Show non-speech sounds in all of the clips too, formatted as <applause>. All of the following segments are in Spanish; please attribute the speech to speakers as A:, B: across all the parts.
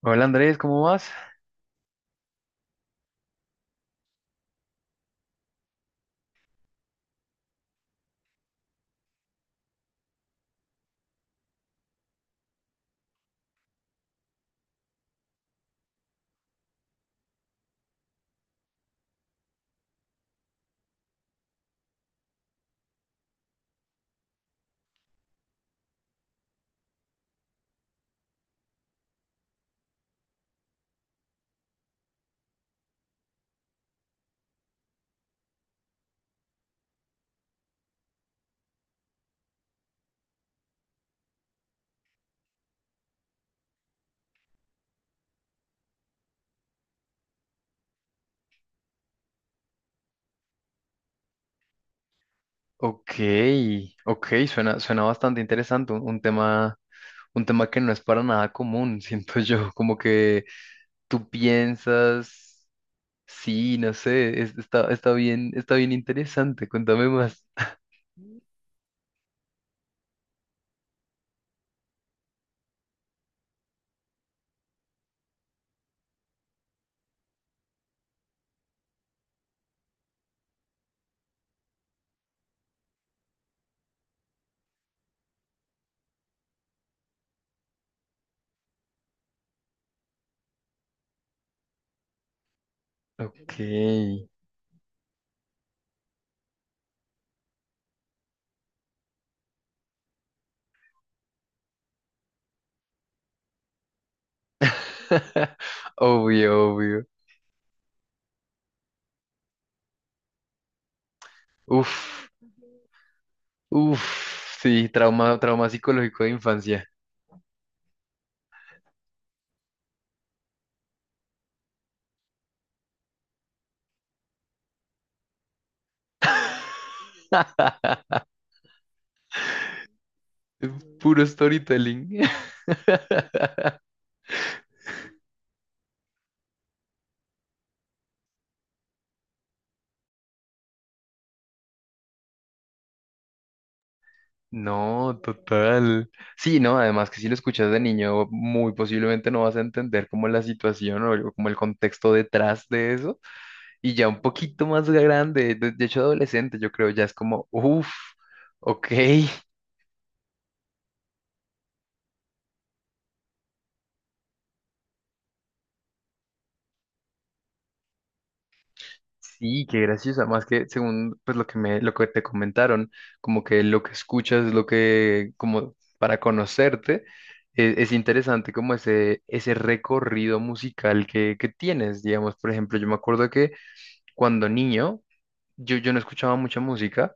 A: Hola Andrés, ¿cómo vas? Ok, ok, suena, suena bastante interesante, un tema que no es para nada común, <laughs> siento yo, como que tú piensas, sí, no sé, está, está bien interesante, cuéntame más. Ok. <laughs> Obvio, obvio. Uf, uf, sí, trauma, trauma psicológico de infancia. <laughs> Puro storytelling. <laughs> No, total. Sí, no, además que si lo escuchas de niño, muy posiblemente no vas a entender como la situación o como el contexto detrás de eso. Y ya un poquito más grande, de hecho adolescente, yo creo, ya es como, uff, ok, <laughs> sí, qué gracioso. Además que según pues lo que me, lo que te comentaron, como que lo que escuchas es lo que, como para conocerte, es interesante como ese recorrido musical que tienes. Digamos, por ejemplo, yo me acuerdo que cuando niño, yo no escuchaba mucha música.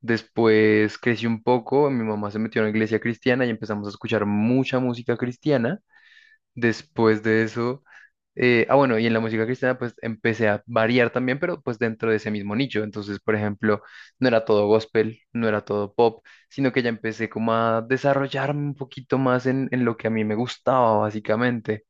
A: Después crecí un poco, mi mamá se metió en la iglesia cristiana y empezamos a escuchar mucha música cristiana. Después de eso, ah, bueno, y en la música cristiana pues empecé a variar también, pero pues dentro de ese mismo nicho. Entonces, por ejemplo, no era todo gospel, no era todo pop, sino que ya empecé como a desarrollarme un poquito más en lo que a mí me gustaba, básicamente.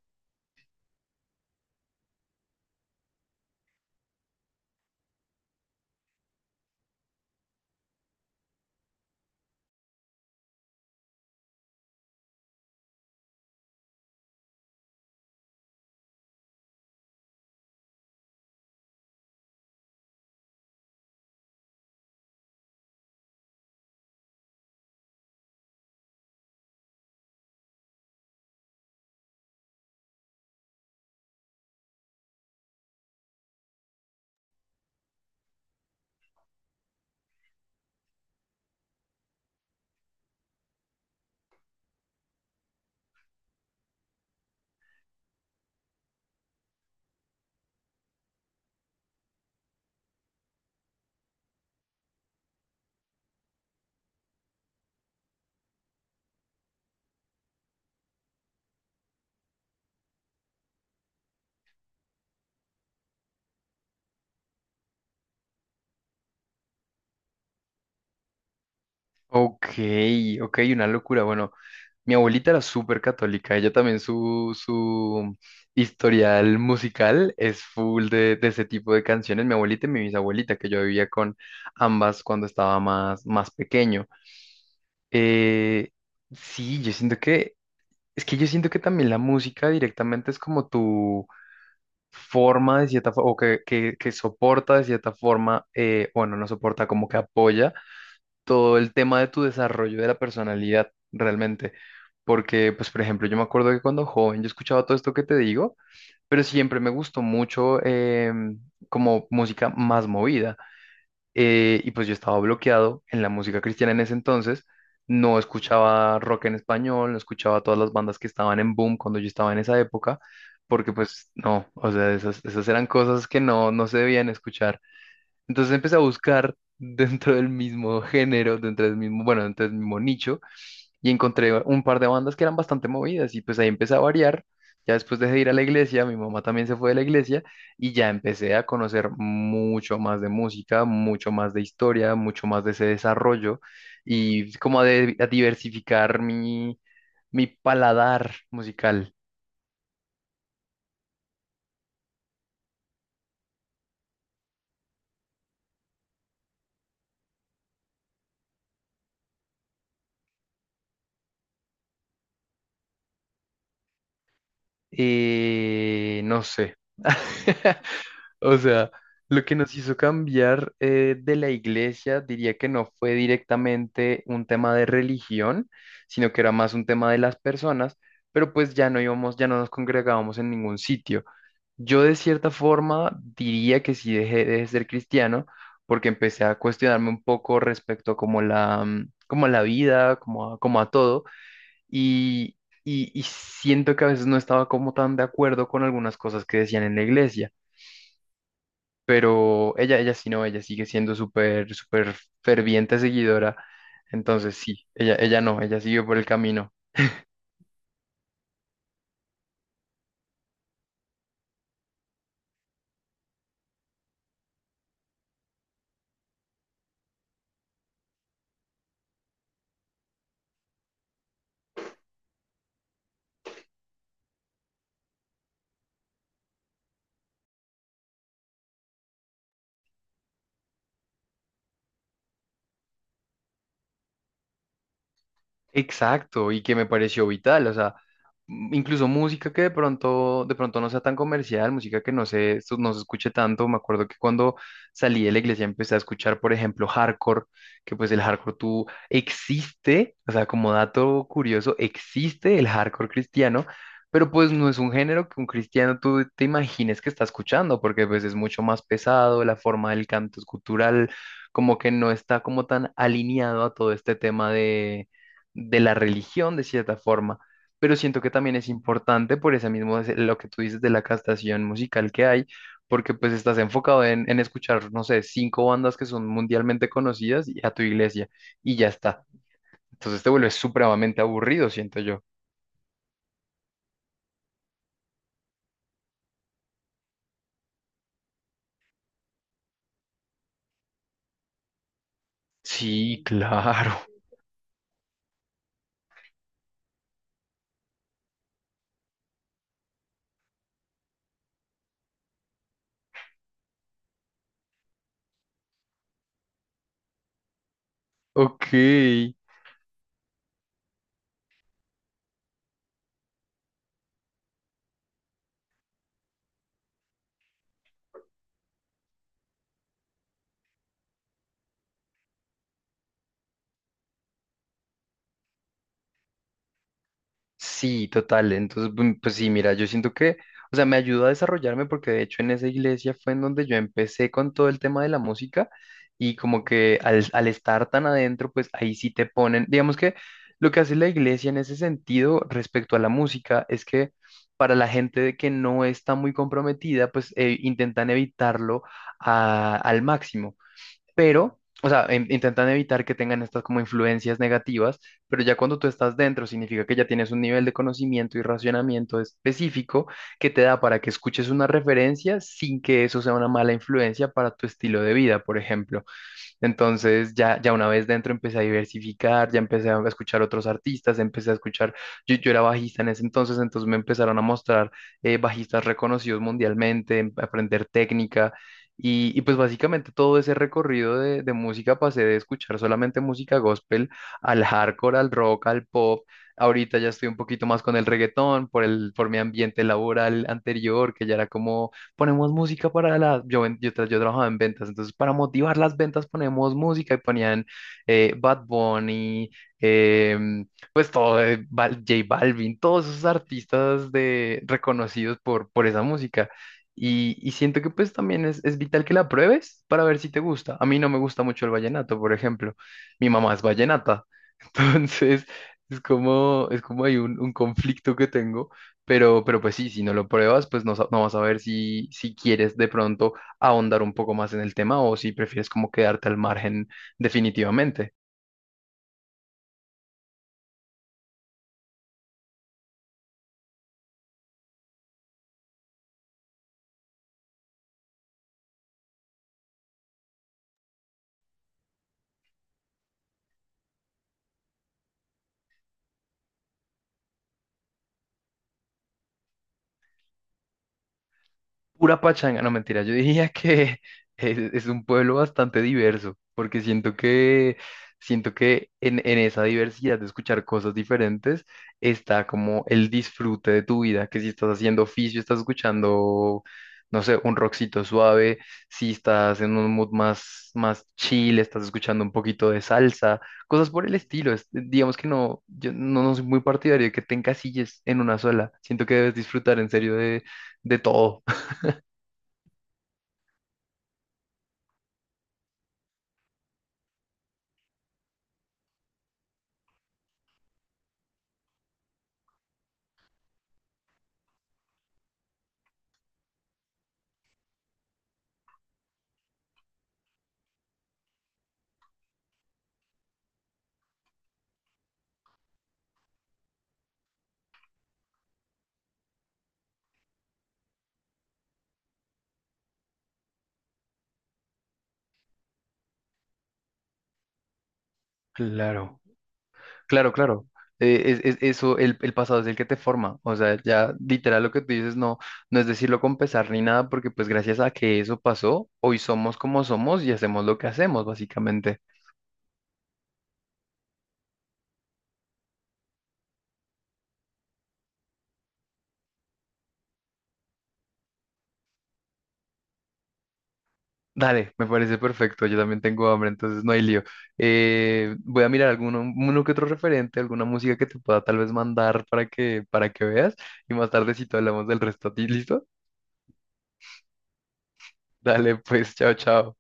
A: Ok, ok, una locura. Bueno. Mi abuelita era súper católica, ella también su historial musical es full de ese tipo de canciones. Mi abuelita y mi bisabuelita, que yo vivía con ambas cuando estaba más, más pequeño. Eh, sí, yo siento que, es que yo siento que también la música directamente es como tu forma de cierta forma, que soporta de cierta forma, bueno, no soporta, como que apoya todo el tema de tu desarrollo de la personalidad realmente. Porque, pues, por ejemplo, yo me acuerdo que cuando joven yo escuchaba todo esto que te digo, pero siempre me gustó mucho em, como música más movida. Y pues yo estaba bloqueado en la música cristiana en ese entonces. No escuchaba rock en español, no escuchaba todas las bandas que estaban en boom cuando yo estaba en esa época, porque pues no, o sea, esas, esas eran cosas que no, no se debían escuchar. Entonces empecé a buscar <laughs> dentro del mismo género, dentro del mismo, bueno, dentro del mismo nicho, y encontré un par de bandas que eran bastante movidas, y pues ahí empecé a variar. Ya después dejé de ir a la iglesia, mi mamá también se fue de la iglesia, y ya empecé a conocer mucho más de música, mucho más de historia, mucho más de ese desarrollo, y como a, a diversificar mi, mi paladar musical. No sé. <laughs> O sea, lo que nos hizo cambiar de la iglesia, diría que no fue directamente un tema de religión, sino que era más un tema de las personas, pero pues ya no íbamos, ya no nos congregábamos en ningún sitio. Yo de cierta forma diría que sí dejé de ser cristiano porque empecé a cuestionarme un poco respecto a como la, como a la vida, como a, como a todo y, y siento que a veces no estaba como tan de acuerdo con algunas cosas que decían en la iglesia, pero ella sí no, ella sigue siendo súper, súper ferviente seguidora. Entonces sí, ella no, ella siguió por el camino. Exacto, y que me pareció vital, o sea, incluso música que de pronto no sea tan comercial, música que no se, esto no se escuche tanto. Me acuerdo que cuando salí de la iglesia empecé a escuchar, por ejemplo, hardcore, que pues el hardcore tú existe, o sea, como dato curioso, existe el hardcore cristiano, pero pues no es un género que un cristiano tú te imagines que está escuchando, porque pues es mucho más pesado, la forma del canto es cultural, como que no está como tan alineado a todo este tema de la religión de cierta forma, pero siento que también es importante por ese mismo, lo que tú dices de la castación musical que hay, porque pues estás enfocado en escuchar, no sé, cinco bandas que son mundialmente conocidas y a tu iglesia y ya está. Entonces te vuelves supremamente aburrido, siento yo. Sí, claro. <laughs> Ok. Sí, total. Entonces, bum, pues sí, mira, yo siento que, o sea, me ayudó a desarrollarme porque de hecho en esa iglesia fue en donde yo empecé con todo el tema de la música y como que al, al estar tan adentro, pues ahí sí te ponen, digamos que lo que hace la iglesia en ese sentido respecto a la música es que para la gente que no está muy comprometida, pues intentan evitarlo al máximo, pero, o sea, intentan evitar que tengan estas como influencias negativas, pero ya cuando tú estás dentro significa que ya tienes un nivel de conocimiento y racionamiento específico que te da para que escuches una referencia sin que eso sea una mala influencia para tu estilo de vida, por ejemplo. Entonces, ya, ya una vez dentro empecé a diversificar, ya empecé a escuchar otros artistas, empecé a escuchar, yo era bajista en ese entonces, entonces me empezaron a mostrar bajistas reconocidos mundialmente, aprender técnica. Y pues básicamente todo ese recorrido de música pasé de escuchar solamente música gospel al hardcore, al rock, al pop. Ahorita ya estoy un poquito más con el reggaetón por el, por mi ambiente laboral anterior, que ya era como ponemos música para la, yo, yo trabajaba en ventas, entonces para motivar las ventas ponemos música y ponían Bad Bunny, em, pues todo, J Balvin, todos esos artistas de, reconocidos por esa música. Y siento que pues también es vital que la pruebes para ver si te gusta. A mí no me gusta mucho el vallenato, por ejemplo. Mi mamá es vallenata, <laughs> entonces es como hay un conflicto que tengo, pero pues sí, si no lo pruebas, pues no, no vas a ver si, si quieres de pronto ahondar un poco más en el tema o si prefieres como quedarte al margen definitivamente. Pura pachanga, no mentira, yo diría que <laughs> es un pueblo bastante diverso, porque siento que en esa diversidad de escuchar cosas diferentes está como el disfrute de tu vida, que si estás haciendo oficio, estás escuchando, no sé, un rockcito suave, si estás en un mood más, más chill, estás escuchando un poquito de salsa, cosas por el estilo. Digamos que no, yo no, no soy muy partidario de que te encasilles en una sola, siento que debes disfrutar en serio de todo. Claro, claro, claro. Es, eso, el pasado es el que te forma. O sea, ya literal lo que tú dices, no, no es decirlo con pesar ni nada, porque pues gracias a que eso pasó, hoy somos como somos y hacemos lo que hacemos, básicamente. Dale, me parece perfecto. Yo también tengo hambre, entonces no hay lío. Voy a mirar alguno, uno que otro referente, alguna música que te pueda tal vez mandar para que veas y más tardecito hablamos del resto. ¿A ti? ¿Listo? Dale, pues, chao, chao.